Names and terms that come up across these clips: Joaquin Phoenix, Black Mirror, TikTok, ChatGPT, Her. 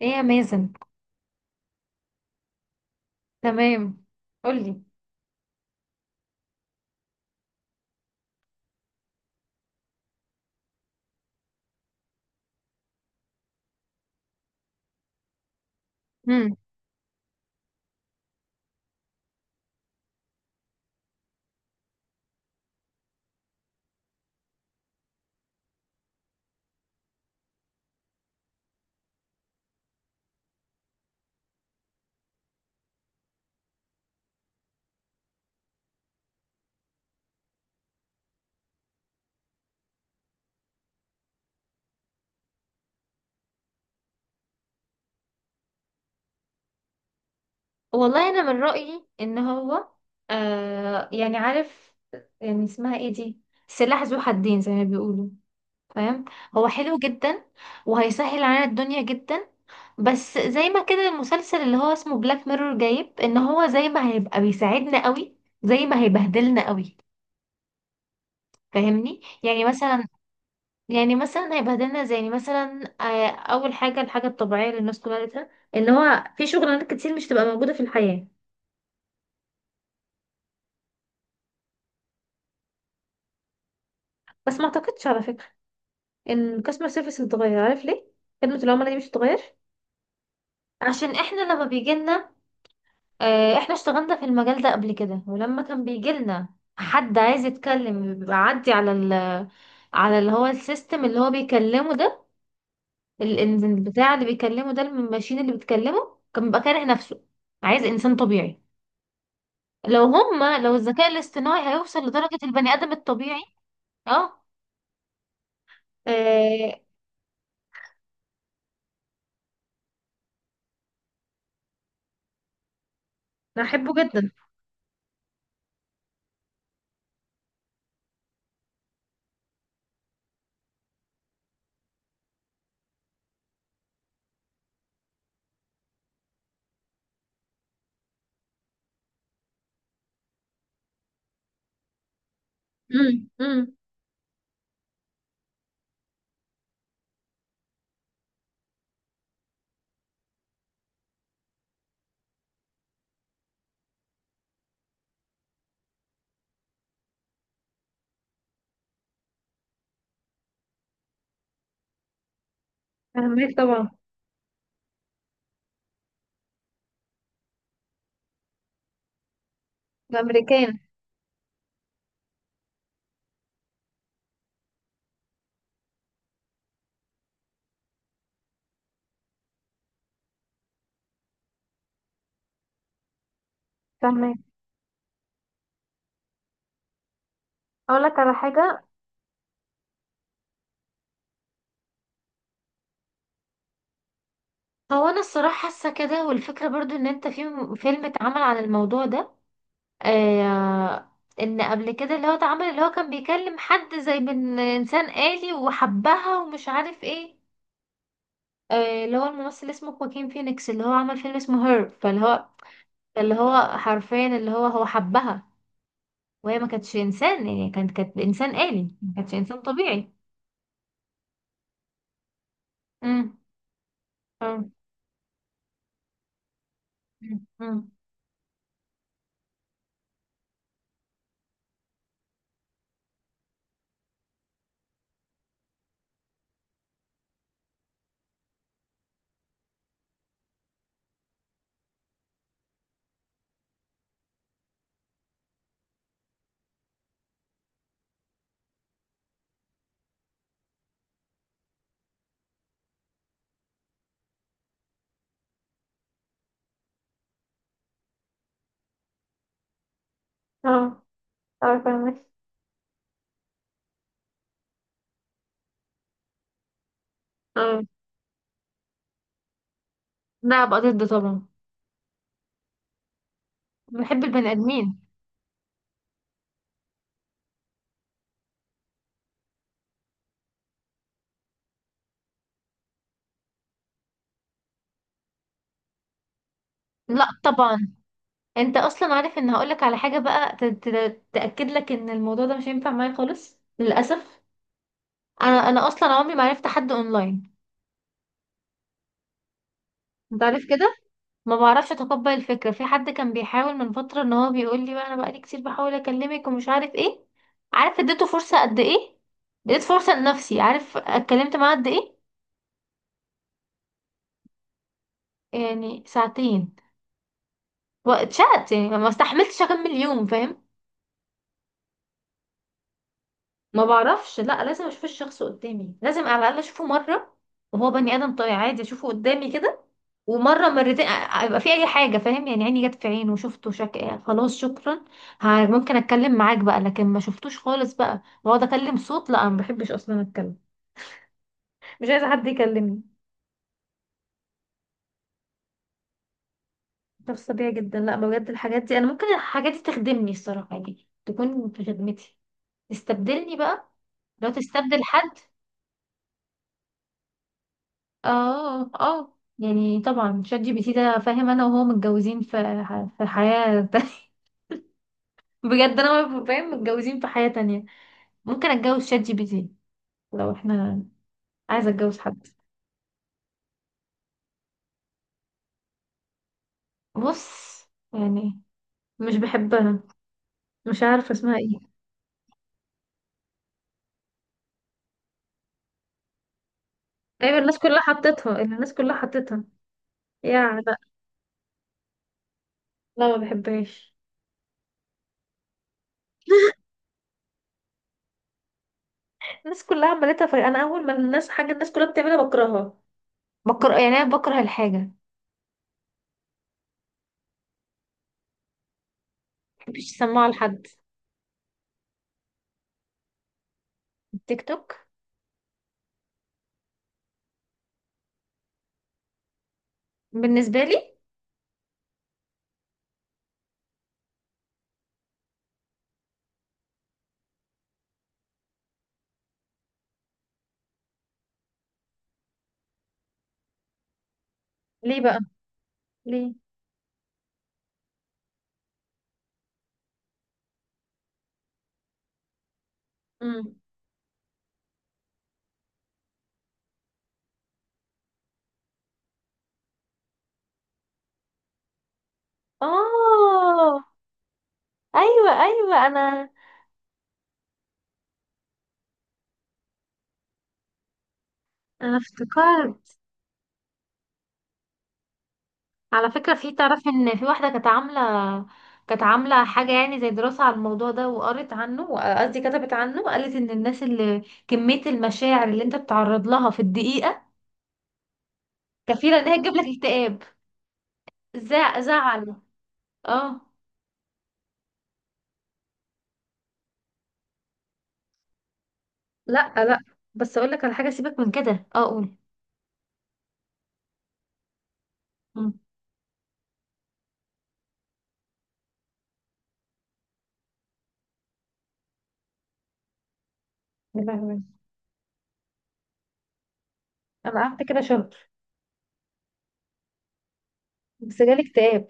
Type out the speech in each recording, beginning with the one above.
ايه يا مازن. تمام. قولي. امم. والله، انا من رأيي ان هو يعني عارف، يعني اسمها ايه دي، سلاح ذو حدين زي ما بيقولوا. فاهم؟ هو حلو جدا وهيسهل علينا الدنيا جدا، بس زي ما كده المسلسل اللي هو اسمه بلاك ميرور جايب ان هو زي ما هيبقى بيساعدنا قوي زي ما هيبهدلنا قوي. فاهمني؟ يعني مثلا هيبهدلنا، زي يعني مثلا اول حاجه الحاجه الطبيعيه اللي الناس كلها قالتها ان هو في شغلانات كتير مش تبقى موجوده في الحياه. بس ما اعتقدش على فكره ان الكاستمر سيرفيس اللي اتغير، عارف ليه؟ خدمه العملاء دي مش هتتغير. عشان احنا لما بيجي لنا احنا اشتغلنا في المجال ده قبل كده، ولما كان بيجي لنا حد عايز يتكلم بيبقى عدي على ال، على اللي هو السيستم اللي هو بيكلمه ده، البتاع اللي بيكلمه ده الماشين اللي بتكلمه كان بيبقى كاره نفسه، عايز انسان طبيعي. لو هما لو الذكاء الاصطناعي هيوصل لدرجة البني آدم الطبيعي. اه. آه، احبه جدا. امم، امم. فاهمك طبعا. الامريكان. فاهمك. اقول لك على حاجه. هو انا الصراحه حاسه كده، والفكره برضو ان انت في فيلم اتعمل عن الموضوع ده. آه، ان قبل كده اللي هو اتعمل اللي هو كان بيكلم حد زي من انسان آلي وحبها ومش عارف ايه. آه، اللي هو الممثل اسمه خواكين فينيكس اللي هو عمل فيلم اسمه هير، فاللي هو اللي هو حرفيا اللي هو هو حبها. وهي ما كانتش انسان، يعني كانت انسان آلي، ما كانتش انسان طبيعي. امم. اه. امم. اه. اه، فاهمك. اه. لا بقى، ضد طبعا. بحب البني ادمين. لا طبعا. انت اصلا عارف ان هقولك على حاجه بقى، تاكد لك ان الموضوع ده مش هينفع معايا خالص للاسف. انا اصلا عمري ما عرفت حد اونلاين. انت عارف كده. ما بعرفش اتقبل الفكره. في حد كان بيحاول من فتره ان هو بيقول لي بقى انا بقالي كتير بحاول اكلمك ومش عارف ايه. عارف اديته فرصه قد ايه؟ اديت فرصه لنفسي، عارف اتكلمت معاه قد ايه؟ يعني ساعتين، واتشقت، يعني ما استحملتش اكمل يوم. فاهم؟ ما بعرفش، لا لازم اشوف الشخص قدامي، لازم على الاقل اشوفه مره وهو بني ادم طبيعي عادي، اشوفه قدامي كده. ومره مرتين يبقى في اي حاجه، فاهم يعني؟ عيني جت في عينه وشفته شك... آه، خلاص شكرا. ممكن اتكلم معاك بقى، لكن ما شفتوش خالص بقى واقعد اكلم صوت، لا ما بحبش اصلا اتكلم. مش عايزه حد يكلمني. شخص طبيعي جدا. لا بجد، الحاجات دي انا ممكن الحاجات دي تخدمني الصراحه، يعني تكون في خدمتي، تستبدلني بقى. لو تستبدل حد. اه، اه، يعني طبعا شات جي بي تي ده فاهم، انا وهو متجوزين في في حياة تانية. بجد انا وهو فاهم متجوزين في حياة تانية. ممكن اتجوز شات جي بي تي لو احنا، عايزه اتجوز حد. بص. يعني مش بحبها. مش عارفه اسمها ايه. ايوه، الناس كلها حطتها، اللي الناس كلها حطتها. يا لا. لا ما بحبهاش. الناس كلها عملتها، في انا اول ما الناس حاجه الناس كلها بتعملها بكرهها، بكره يعني، انا بكره الحاجه ما بحبش اسمعها لحد. التيك توك بالنسبه لي. ليه بقى؟ ليه؟ امم. اه. ايوه، ايوه انا. افتكرت على فكرة، في تعرفي ان في واحدة كانت عاملة، كانت عاملة حاجة يعني زي دراسة على الموضوع ده وقرت عنه، قصدي كتبت عنه، وقالت ان الناس اللي، كمية المشاعر اللي انت بتعرض لها في الدقيقة كفيلة ان هي تجيب لك اكتئاب، زعل. اه. لا، لا. بس اقول لك على حاجة، سيبك من كده، اه قول. مم. يا لهوي. انا قعدت كده شهر، بس جالي اكتئاب.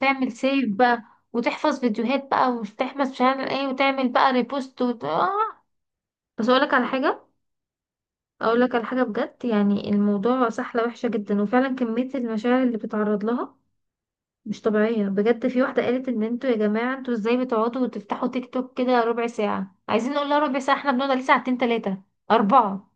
تعمل سيف بقى، وتحفظ فيديوهات بقى، وتحفظ مش عارف ايه، وتعمل بقى ريبوست، وت... آه. بس اقول لك على حاجة، اقول لك على حاجه بجد، يعني الموضوع سحله وحشه جدا، وفعلا كميه المشاعر اللي بتتعرض لها مش طبيعيه. بجد في واحده قالت ان انتوا يا جماعه انتوا ازاي بتقعدوا وتفتحوا تيك توك كده ربع ساعه؟ عايزين نقول لها ربع ساعه، احنا بنقعد عليه ساعتين، ثلاثه، اربعه.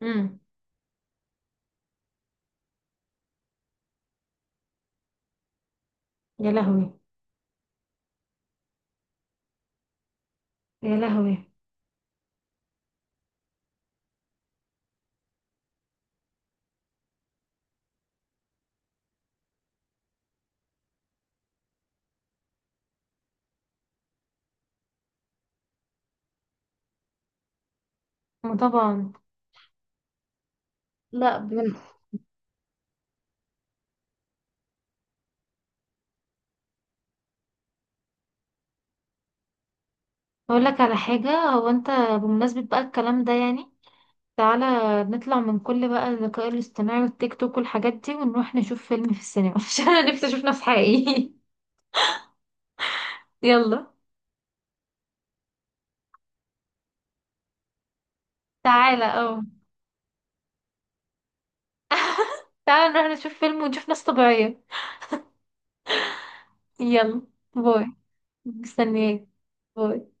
امم. يا لهوي. يا لهوي. ما طبعا. لا بجد. اقول لك على حاجه، هو انت، بمناسبه بقى الكلام ده يعني، تعالى نطلع من كل بقى الذكاء الاصطناعي والتيك توك والحاجات دي، ونروح نشوف فيلم في السينما عشان انا نفسي اشوف ناس حقيقي. يلا تعالى. اه، تعالى نروح نشوف فيلم ونشوف ناس طبيعية. يلا. باي. مستنياك. باي.